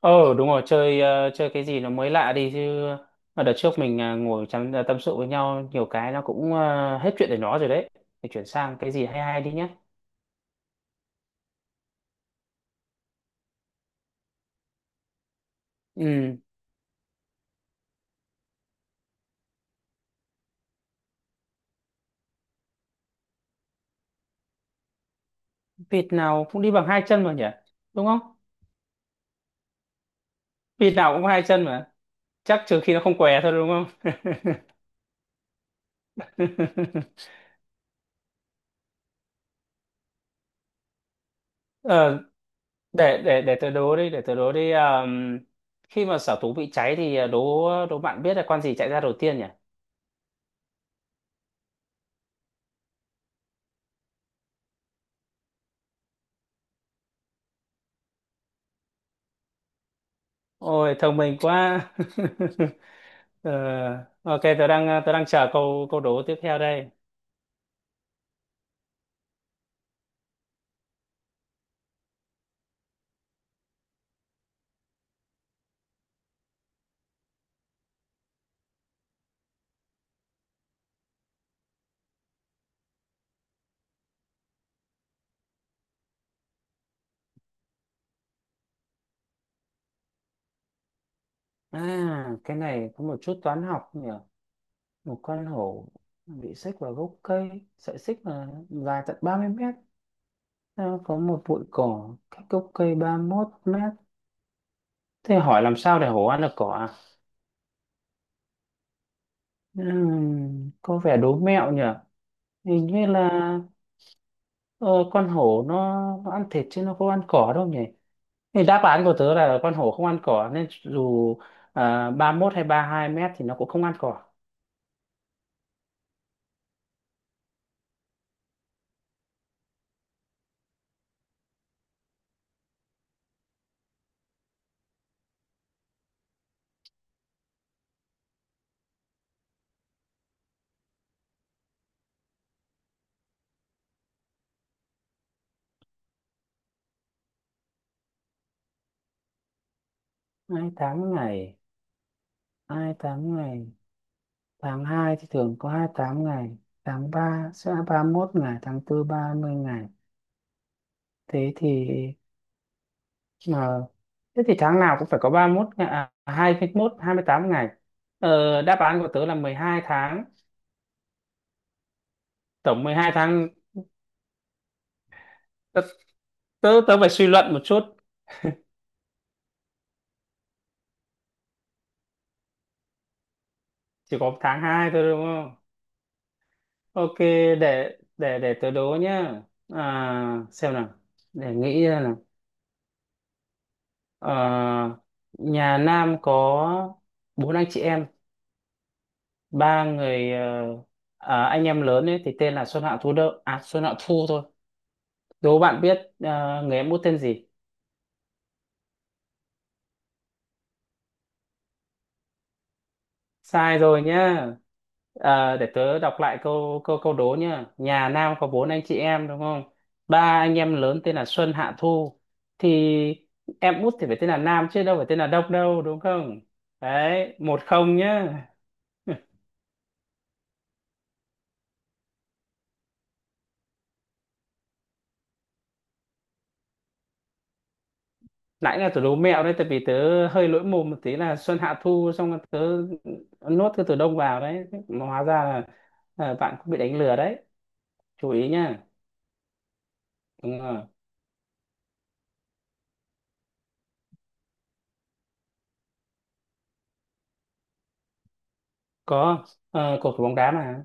Ờ đúng rồi, chơi chơi cái gì nó mới lạ đi chứ. Mà đợt trước mình ngồi chăm tâm sự với nhau nhiều cái nó cũng hết chuyện để nó rồi đấy, thì chuyển sang cái gì hay hay đi nhé. Ừ, vịt nào cũng đi bằng hai chân mà nhỉ? Đúng không? Vịt nào cũng có hai chân mà, chắc trừ khi nó không què thôi, đúng không? Ờ, để tớ đố đi, để tớ đố đi. Khi mà sở thú bị cháy thì đố đố bạn biết là con gì chạy ra đầu tiên nhỉ? Ôi thông minh quá. Ờ, ok, tôi đang chờ câu câu đố tiếp theo đây. À, cái này có một chút toán học nhỉ. Một con hổ bị xích vào gốc cây, sợi xích là dài tận 30 mét, nó có một bụi cỏ cách gốc cây ba mốt mét. Thế hỏi làm sao để hổ ăn được cỏ à? Có vẻ đố mẹo nhỉ. Hình như là ờ, con hổ nó ăn thịt chứ nó không ăn cỏ đâu nhỉ? Thì đáp án của tớ là con hổ không ăn cỏ, nên dù 31 hay 32 mét thì nó cũng không ăn cỏ. Hai tháng ngày, hai tháng ngày, tháng 2 thì thường có 28 ngày, tháng 3 sẽ 31 ngày, tháng 4 30 ngày. Thế thì mà thế thì tháng nào cũng phải có 31 ngày, à, 21, 28 ngày. Ờ, đáp án của tớ là 12 tháng, tổng 12 tháng. Tớ tớ, tớ phải suy luận một chút, chỉ có tháng 2 thôi đúng không? Ok, để tớ đố nhá. À, xem nào. Để nghĩ ra nào. Ờ, nhà Nam có bốn anh chị em, ba người anh em lớn ấy thì tên là Xuân Hạ Thu Đậu. À, Xuân Hạ Thu thôi. Đố bạn biết người em út tên gì? Sai rồi nhá. Ờ, để tớ đọc lại câu câu câu đố nhá. Nhà Nam có bốn anh chị em đúng không, ba anh em lớn tên là Xuân Hạ Thu, thì em út thì phải tên là Nam chứ đâu phải tên là Đông, đâu đúng không? Đấy, một không nhá. Nãy là tớ đố mẹo đấy, tại vì tớ hơi lỗi mồm một tí là Xuân Hạ Thu xong rồi tớ nốt cái từ Đông vào đấy. Mà hóa ra là bạn cũng bị đánh lừa đấy. Chú ý nhá. Đúng rồi. Có, cầu thủ bóng đá mà.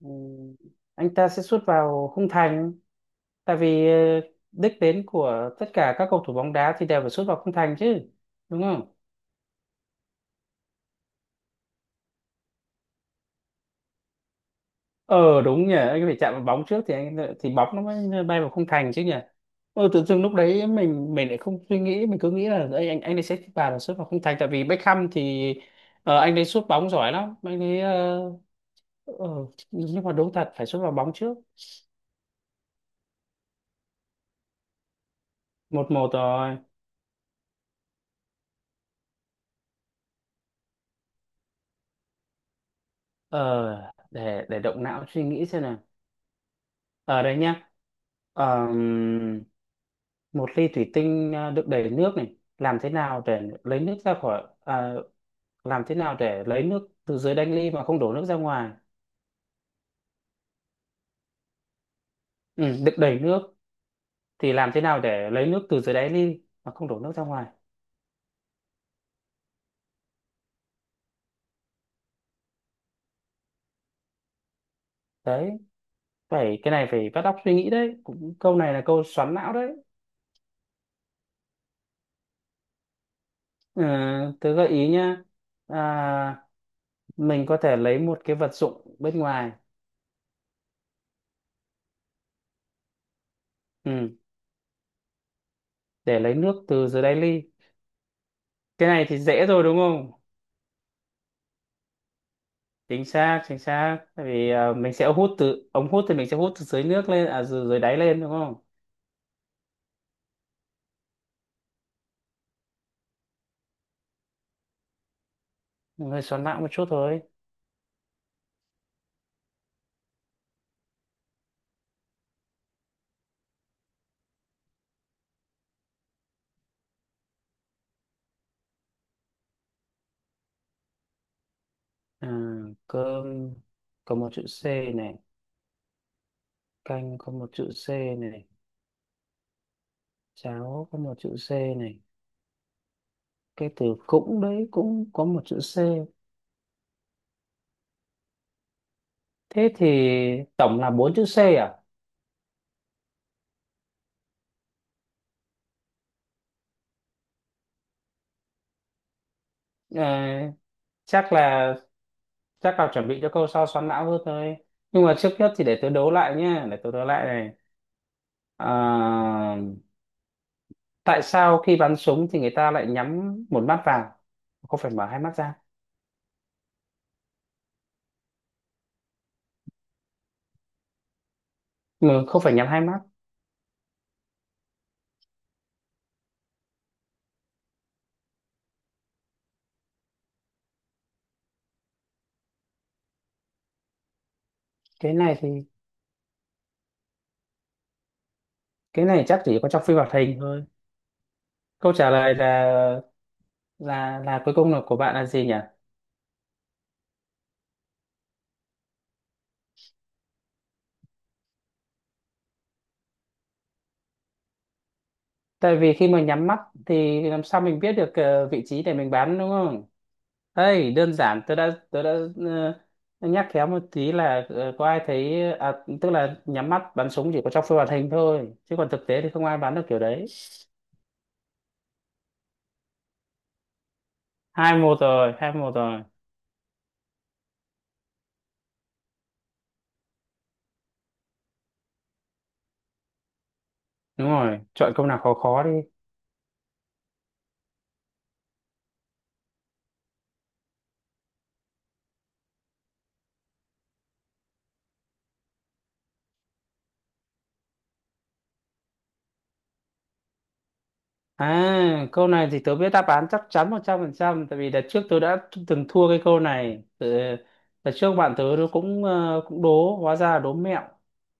Ừ, anh ta sẽ sút vào khung thành, tại vì đích đến của tất cả các cầu thủ bóng đá thì đều phải sút vào khung thành chứ, đúng không? Ờ đúng nhỉ, anh phải chạm vào bóng trước thì anh thì bóng nó mới bay vào khung thành chứ nhỉ. Ờ, tự dưng lúc đấy mình lại không suy nghĩ, mình cứ nghĩ là anh ấy sẽ vào là sút vào khung thành, tại vì Beckham thì anh ấy sút bóng giỏi lắm, anh ấy ờ, nhưng mà đúng thật phải sút vào bóng trước. Một một rồi. Ờ, để động não suy nghĩ xem, ở đây nhá. Ờm, Một ly thủy tinh đựng đầy nước này, làm thế nào để lấy nước ra khỏi, làm thế nào để lấy nước từ dưới đáy ly mà không đổ nước ra ngoài? Ừ, đựng đầy nước, thì làm thế nào để lấy nước từ dưới đáy ly mà không đổ nước ra ngoài? Đấy, phải, cái này phải bắt óc suy nghĩ đấy, cũng câu này là câu xoắn não đấy. Ừ, tớ gợi ý nhá. À, mình có thể lấy một cái vật dụng bên ngoài. Ừ, để lấy nước từ dưới đáy ly. Cái này thì dễ rồi đúng không? Chính xác, chính xác. Tại vì mình sẽ hút từ ống hút thì mình sẽ hút từ dưới nước lên, dưới đáy lên đúng không? Mình hơi xoắn não một chút thôi. À, cơm có một chữ C này, canh có một chữ C này, cháo có một chữ C này, cái từ cũng đấy cũng có một chữ C, thế thì tổng là bốn chữ C à? À, chắc là, chắc là chuẩn bị cho câu sau xoắn não hơn thôi. Nhưng mà trước nhất thì để tôi đố lại nhé, để tôi đố lại này. À, tại sao khi bắn súng thì người ta lại nhắm một mắt vào, không phải mở hai mắt ra, mà không phải nhắm hai mắt? Cái này thì cái này chắc chỉ có trong phim hoạt hình thôi. Câu trả lời là, cuối cùng là của bạn là gì nhỉ? Tại vì khi mà nhắm mắt thì làm sao mình biết được vị trí để mình bắn đúng không? Đây đơn giản, tôi đã ờ, nhắc khéo một tí là có ai thấy tức là nhắm mắt bắn súng chỉ có trong phim hoạt hình thôi, chứ còn thực tế thì không ai bắn được kiểu đấy. Hai một rồi. Đúng rồi, chọn câu nào khó khó đi. À, câu này thì tớ biết đáp án chắc chắn một trăm phần trăm, tại vì đợt trước tớ đã từng thua cái câu này. Đợt trước bạn tớ nó cũng cũng đố, hóa ra là đố mẹo.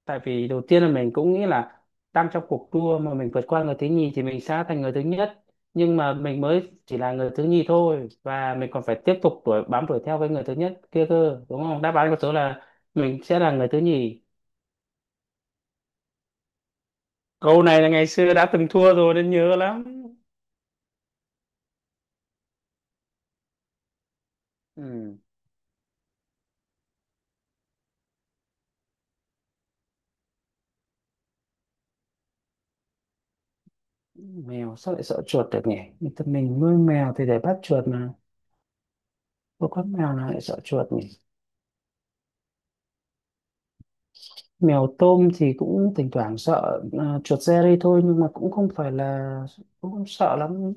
Tại vì đầu tiên là mình cũng nghĩ là đang trong cuộc đua mà mình vượt qua người thứ nhì thì mình sẽ thành người thứ nhất. Nhưng mà mình mới chỉ là người thứ nhì thôi, và mình còn phải tiếp tục đuổi theo với người thứ nhất kia cơ, đúng không? Đáp án của tớ là mình sẽ là người thứ nhì. Câu này là ngày xưa đã từng thua rồi nên nhớ lắm. Ừ. Mèo sao lại sợ chuột được nhỉ, người ta mình nuôi mèo thì để bắt chuột mà, có con mèo nào lại sợ chuột nhỉ? Mèo tôm thì cũng thỉnh thoảng sợ chuột Jerry thôi, nhưng mà cũng không phải là, cũng không sợ lắm,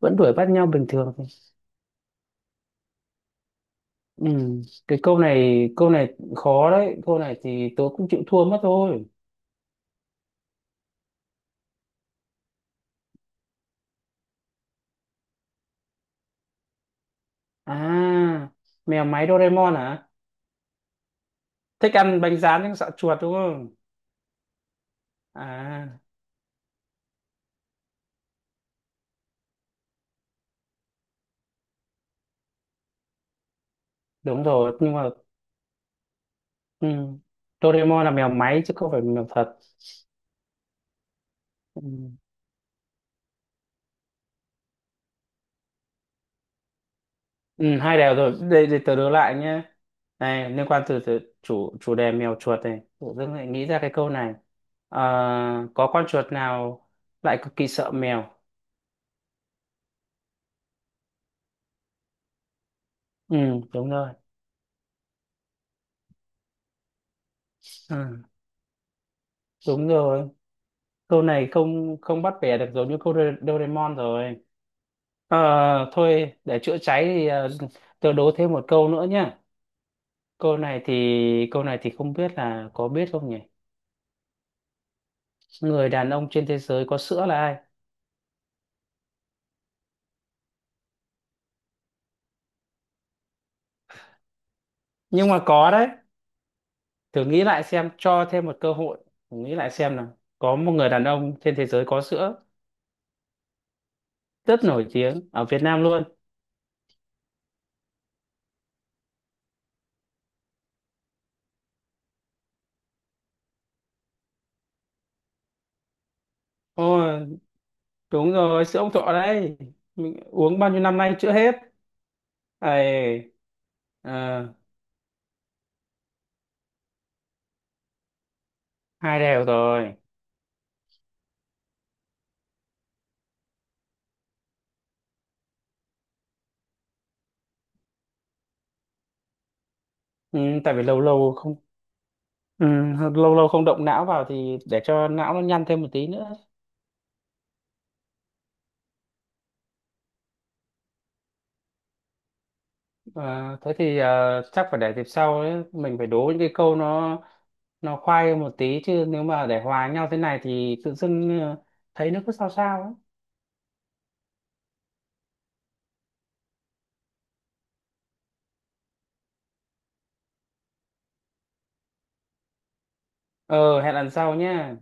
vẫn đuổi bắt nhau bình thường. Ừ. cái câu này khó đấy, câu này thì tớ cũng chịu thua mất thôi. À, mèo máy Doraemon hả? Thích ăn bánh rán nhưng sợ chuột đúng không? À đúng rồi, nhưng mà, ừ, Doraemon là mèo máy chứ không phải mèo thật. Ừ. Ừ, hai đều rồi, đây để tớ đố lại nhé. Này liên quan từ chủ chủ đề mèo chuột này, tự dưng lại nghĩ ra cái câu này. Ờ, có con chuột nào lại cực kỳ sợ mèo? Ừ đúng rồi. Ừ, đúng rồi, câu này không, không bắt bẻ được, giống như câu Doraemon rồi. Ờ, thôi để chữa cháy thì tớ đố thêm một câu nữa nhé. Câu này thì câu này thì không biết là có biết không nhỉ, người đàn ông trên thế giới có sữa là ai? Nhưng mà có đấy, thử nghĩ lại xem, cho thêm một cơ hội. Thử nghĩ lại xem nào, có một người đàn ông trên thế giới có sữa, rất nổi tiếng ở Việt Nam luôn. Ôi đúng rồi, sữa ông Thọ đấy, mình uống bao nhiêu năm nay chưa hết ấy. Ờ, hai đều rồi. Ừ, tại vì lâu lâu không, ừ, lâu lâu không động não vào thì để cho não nó nhăn thêm một tí nữa. À, thế thì chắc phải để dịp sau ấy. Mình phải đố những cái câu nó khoai hơn một tí chứ, nếu mà để hòa nhau thế này thì tự dưng thấy nó cứ sao sao ấy. Ờ, hẹn lần sau nhé.